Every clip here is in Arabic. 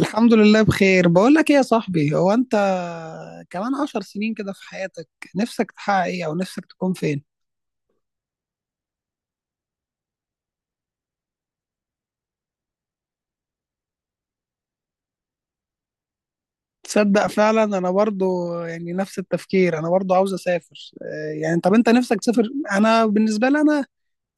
الحمد لله بخير. بقول لك ايه يا صاحبي، هو انت كمان عشر سنين كده في حياتك نفسك تحقق ايه او نفسك تكون فين؟ تصدق فعلا انا برضو يعني نفس التفكير، انا برضو عاوز اسافر. يعني طب انت نفسك تسافر؟ انا بالنسبة لي انا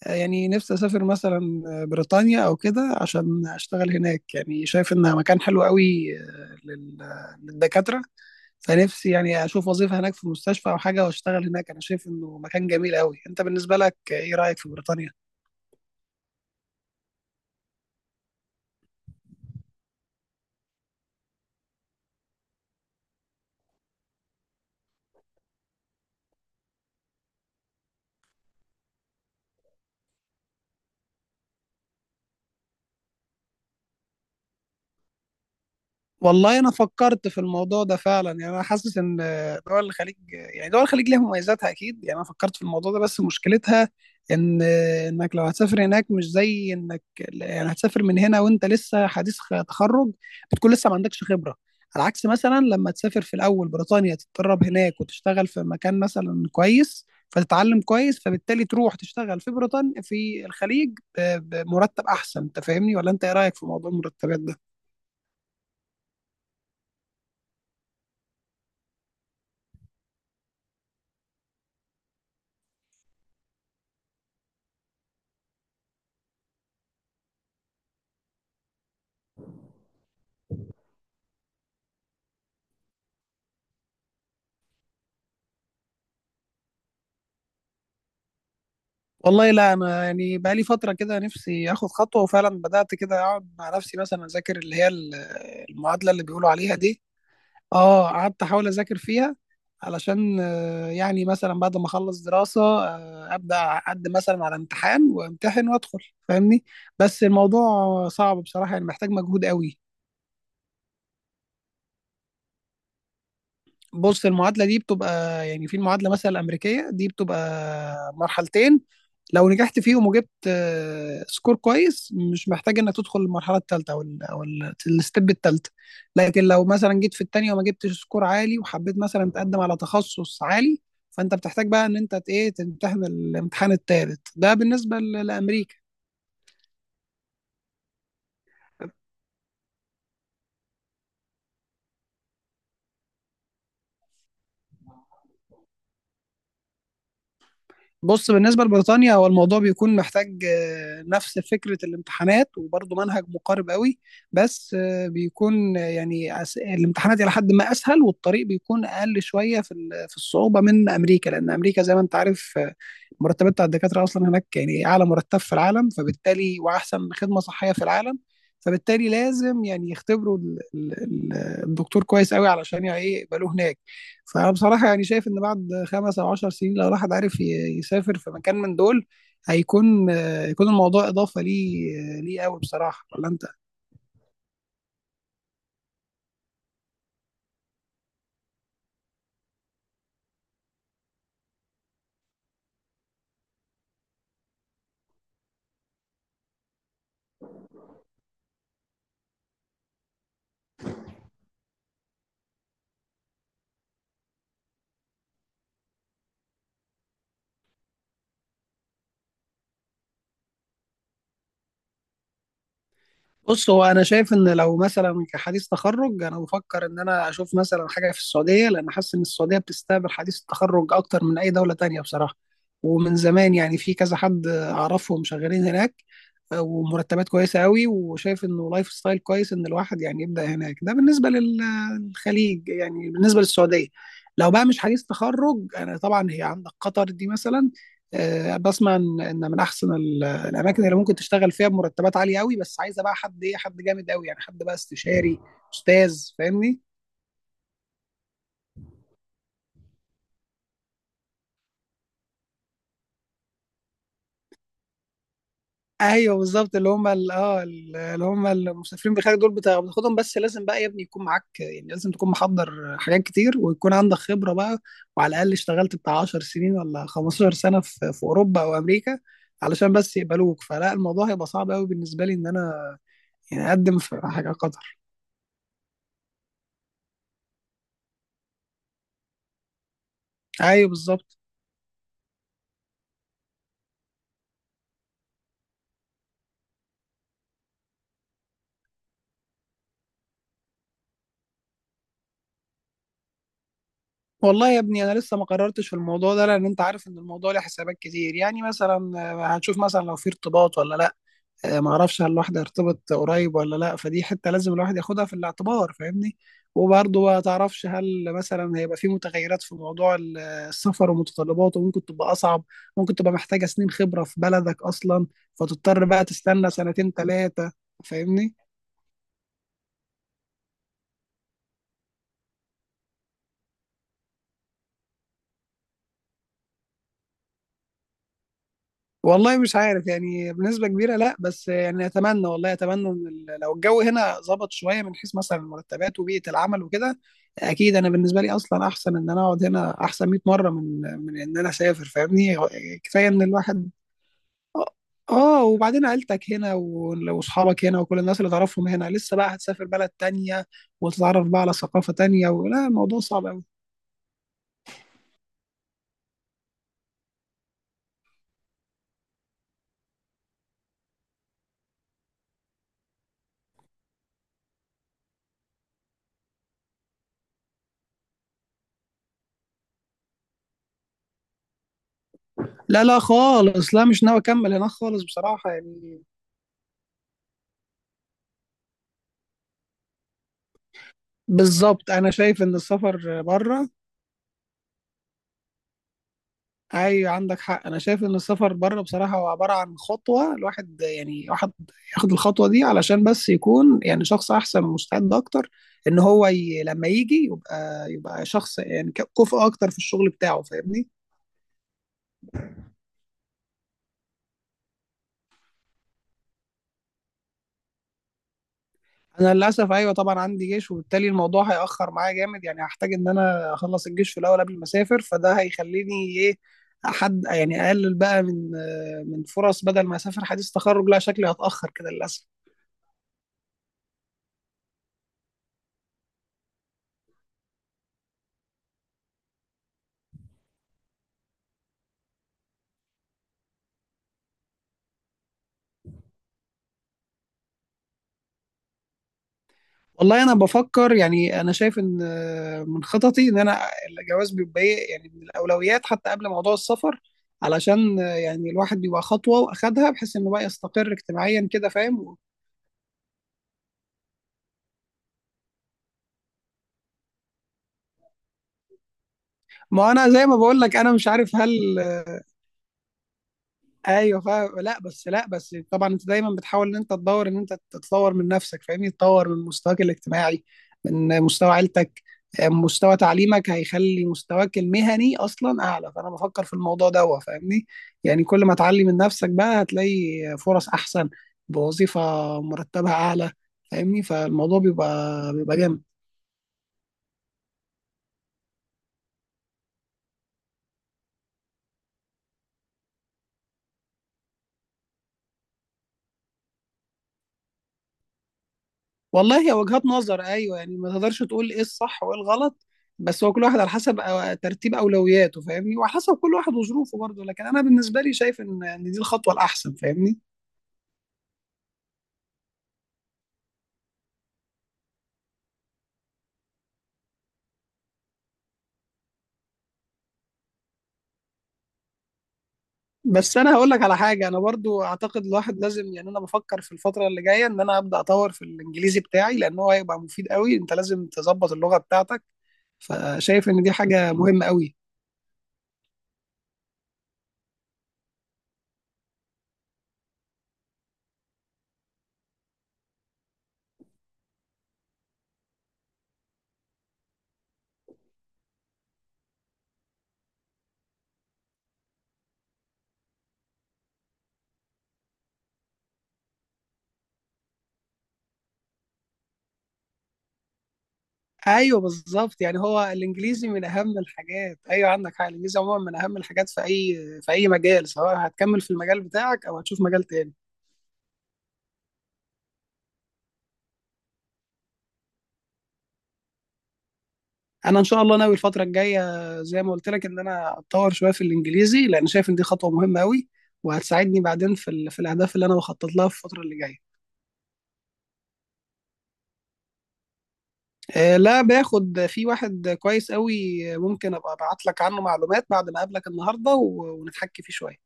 يعني نفسي اسافر مثلا بريطانيا او كده عشان اشتغل هناك، يعني شايف انها مكان حلو قوي للدكاترة. فنفسي يعني اشوف وظيفة هناك في المستشفى او حاجة واشتغل هناك، انا شايف انه مكان جميل قوي. انت بالنسبة لك ايه رأيك في بريطانيا؟ والله انا فكرت في الموضوع ده فعلا، يعني انا حاسس ان دول الخليج، يعني دول الخليج ليها مميزاتها اكيد. يعني انا فكرت في الموضوع ده بس مشكلتها ان انك لو هتسافر هناك مش زي انك يعني هتسافر من هنا وانت لسه حديث تخرج، بتكون لسه ما عندكش خبرة. على عكس مثلا لما تسافر في الاول بريطانيا تتدرب هناك وتشتغل في مكان مثلا كويس فتتعلم كويس، فبالتالي تروح تشتغل في بريطانيا في الخليج بمرتب احسن. انت فاهمني ولا انت ايه رايك في موضوع المرتبات ده؟ والله لا، انا يعني بقى لي فتره كده نفسي اخد خطوه، وفعلا بدات كده اقعد مع نفسي مثلا اذاكر اللي هي المعادله اللي بيقولوا عليها دي. اه قعدت احاول اذاكر فيها علشان يعني مثلا بعد ما اخلص دراسه ابدا اقدم مثلا على امتحان وامتحن وادخل، فاهمني؟ بس الموضوع صعب بصراحه، يعني محتاج مجهود قوي. بص المعادلة دي بتبقى يعني في المعادلة مثلا الأمريكية دي بتبقى مرحلتين، لو نجحت فيهم وجبت سكور كويس مش محتاج انك تدخل المرحلة الثالثة او ال او الستيب الثالثة. لكن لو مثلا جيت في الثانية وما جبتش سكور عالي وحبيت مثلا تقدم على تخصص عالي، فانت بتحتاج بقى ان انت ايه تمتحن الامتحان الثالث ده بالنسبة لأمريكا. بص بالنسبة لبريطانيا هو الموضوع بيكون محتاج نفس فكرة الامتحانات وبرضه منهج مقارب قوي. بس بيكون يعني الامتحانات إلى حد ما أسهل والطريق بيكون أقل شوية في في الصعوبة من أمريكا، لأن أمريكا زي ما أنت عارف المرتبات بتاع الدكاترة أصلا هناك يعني أعلى مرتب في العالم، فبالتالي وأحسن خدمة صحية في العالم. فبالتالي لازم يعني يختبروا الدكتور كويس قوي علشان يعني إيه يقبلوه هناك. فانا بصراحه يعني شايف ان بعد خمس او عشر سنين لو الواحد عارف يسافر في مكان من دول هيكون يكون الموضوع اضافه ليه ليه قوي بصراحه، ولا انت؟ بص هو انا شايف ان لو مثلا كحديث تخرج، انا بفكر ان انا اشوف مثلا حاجه في السعوديه لان حاسس ان السعوديه بتستقبل حديث التخرج اكتر من اي دوله تانية بصراحه. ومن زمان يعني في كذا حد اعرفهم شغالين هناك ومرتبات كويسه قوي، وشايف انه لايف ستايل كويس ان الواحد يعني يبدا هناك. ده بالنسبه للخليج، يعني بالنسبه للسعوديه. لو بقى مش حديث تخرج، انا طبعا هي عندك قطر دي مثلا، بسمع ان إن من احسن الاماكن اللي ممكن تشتغل فيها بمرتبات عاليه قوي، بس عايزه بقى حد ايه حد جامد قوي، يعني حد بقى استشاري استاذ، فاهمني؟ ايوه بالظبط، اللي هم اه اللي هم المسافرين بالخارج دول بتاخدهم، بس لازم بقى يا ابني يكون معاك، يعني لازم تكون محضر حاجات كتير ويكون عندك خبره بقى، وعلى الاقل اشتغلت بتاع 10 سنين ولا 15 سنه في اوروبا او امريكا علشان بس يقبلوك. فلا، الموضوع هيبقى صعب قوي بالنسبه لي ان انا يعني اقدم في حاجه قطر. ايوه بالظبط. والله يا ابني انا لسه ما قررتش في الموضوع ده، لان انت عارف ان الموضوع له حسابات كتير. يعني مثلا هنشوف مثلا لو في ارتباط ولا لا. ما اعرفش هل الواحد هيرتبط قريب ولا لا، فدي حته لازم الواحد ياخدها في الاعتبار، فاهمني؟ وبرضه ما تعرفش هل مثلا هيبقى في متغيرات في موضوع السفر ومتطلباته، ممكن تبقى اصعب، ممكن تبقى محتاجه سنين خبره في بلدك اصلا، فتضطر بقى تستنى سنتين ثلاثه، فاهمني؟ والله مش عارف يعني بنسبة كبيرة لا، بس يعني أتمنى والله أتمنى إن لو الجو هنا ظبط شوية من حيث مثلا المرتبات وبيئة العمل وكده، أكيد أنا بالنسبة لي أصلا أحسن إن أنا أقعد هنا أحسن 100 مرة من إن أنا أسافر، فاهمني؟ كفاية إن الواحد آه وبعدين عيلتك هنا وأصحابك هنا وكل الناس اللي تعرفهم هنا، لسه بقى هتسافر بلد تانية وتتعرف بقى على ثقافة تانية، ولا الموضوع صعب أوي. لا لا خالص، لا مش ناوي أكمل هناك خالص بصراحة يعني. بالظبط، انا شايف ان السفر بره. ايوه عندك حق، انا شايف ان السفر بره بصراحه هو عباره عن خطوه، الواحد يعني واحد ياخد الخطوه دي علشان بس يكون يعني شخص احسن ومستعد اكتر، ان هو لما يجي يبقى شخص يعني كفء اكتر في الشغل بتاعه، فاهمني؟ انا للاسف ايوه طبعا عندي جيش، وبالتالي الموضوع هياخر معايا جامد، يعني هحتاج ان انا اخلص الجيش في الاول قبل ما اسافر. فده هيخليني ايه حد يعني اقلل بقى من فرص. بدل ما اسافر حديث تخرج، لا شكلي هتاخر كده للاسف. والله انا بفكر يعني انا شايف ان من خططي ان انا الجواز بيبقى إيه يعني من الاولويات حتى قبل موضوع السفر، علشان يعني الواحد بيبقى خطوه واخدها بحيث انه بقى يستقر اجتماعيا كده، فاهم؟ ما انا زي ما بقول لك انا مش عارف هل ايوه فاهم. لا بس، لا بس طبعا انت دايما بتحاول ان انت تدور ان انت تتطور من نفسك، فاهمني؟ تطور من مستواك الاجتماعي من مستوى عيلتك، مستوى تعليمك هيخلي مستواك المهني اصلا اعلى، فانا بفكر في الموضوع ده فاهمني. يعني كل ما تعلي من نفسك بقى هتلاقي فرص احسن بوظيفة مرتبها اعلى، فاهمني؟ فالموضوع بيبقى جامد. والله هي وجهات نظر، ايوه يعني ما تقدرش تقول ايه الصح وايه الغلط، بس هو كل واحد على حسب ترتيب اولوياته، فاهمني؟ وعلى حسب كل واحد وظروفه برضه، لكن انا بالنسبه لي شايف ان دي الخطوه الاحسن، فاهمني؟ بس انا هقول لك على حاجه، انا برضه اعتقد الواحد لازم يعني انا بفكر في الفتره اللي جايه ان انا ابدا اطور في الانجليزي بتاعي، لان هو هيبقى مفيد قوي، انت لازم تظبط اللغه بتاعتك. فشايف ان دي حاجه مهمه قوي. ايوه بالظبط، يعني هو الانجليزي من اهم الحاجات. ايوه عندك حق، الانجليزي عموما من اهم الحاجات في اي في اي مجال، سواء هتكمل في المجال بتاعك او هتشوف مجال تاني. انا ان شاء الله ناوي الفتره الجايه زي ما قلت لك ان انا اتطور شويه في الانجليزي، لان شايف ان دي خطوه مهمه قوي وهتساعدني بعدين في ال... في الاهداف اللي انا بخطط لها في الفتره اللي جايه. لا باخد في واحد كويس قوي، ممكن ابقى ابعت لك عنه معلومات بعد ما اقابلك النهارده و... ونتحكي فيه شويه.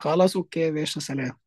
خلاص اوكي يا باشا، سلام.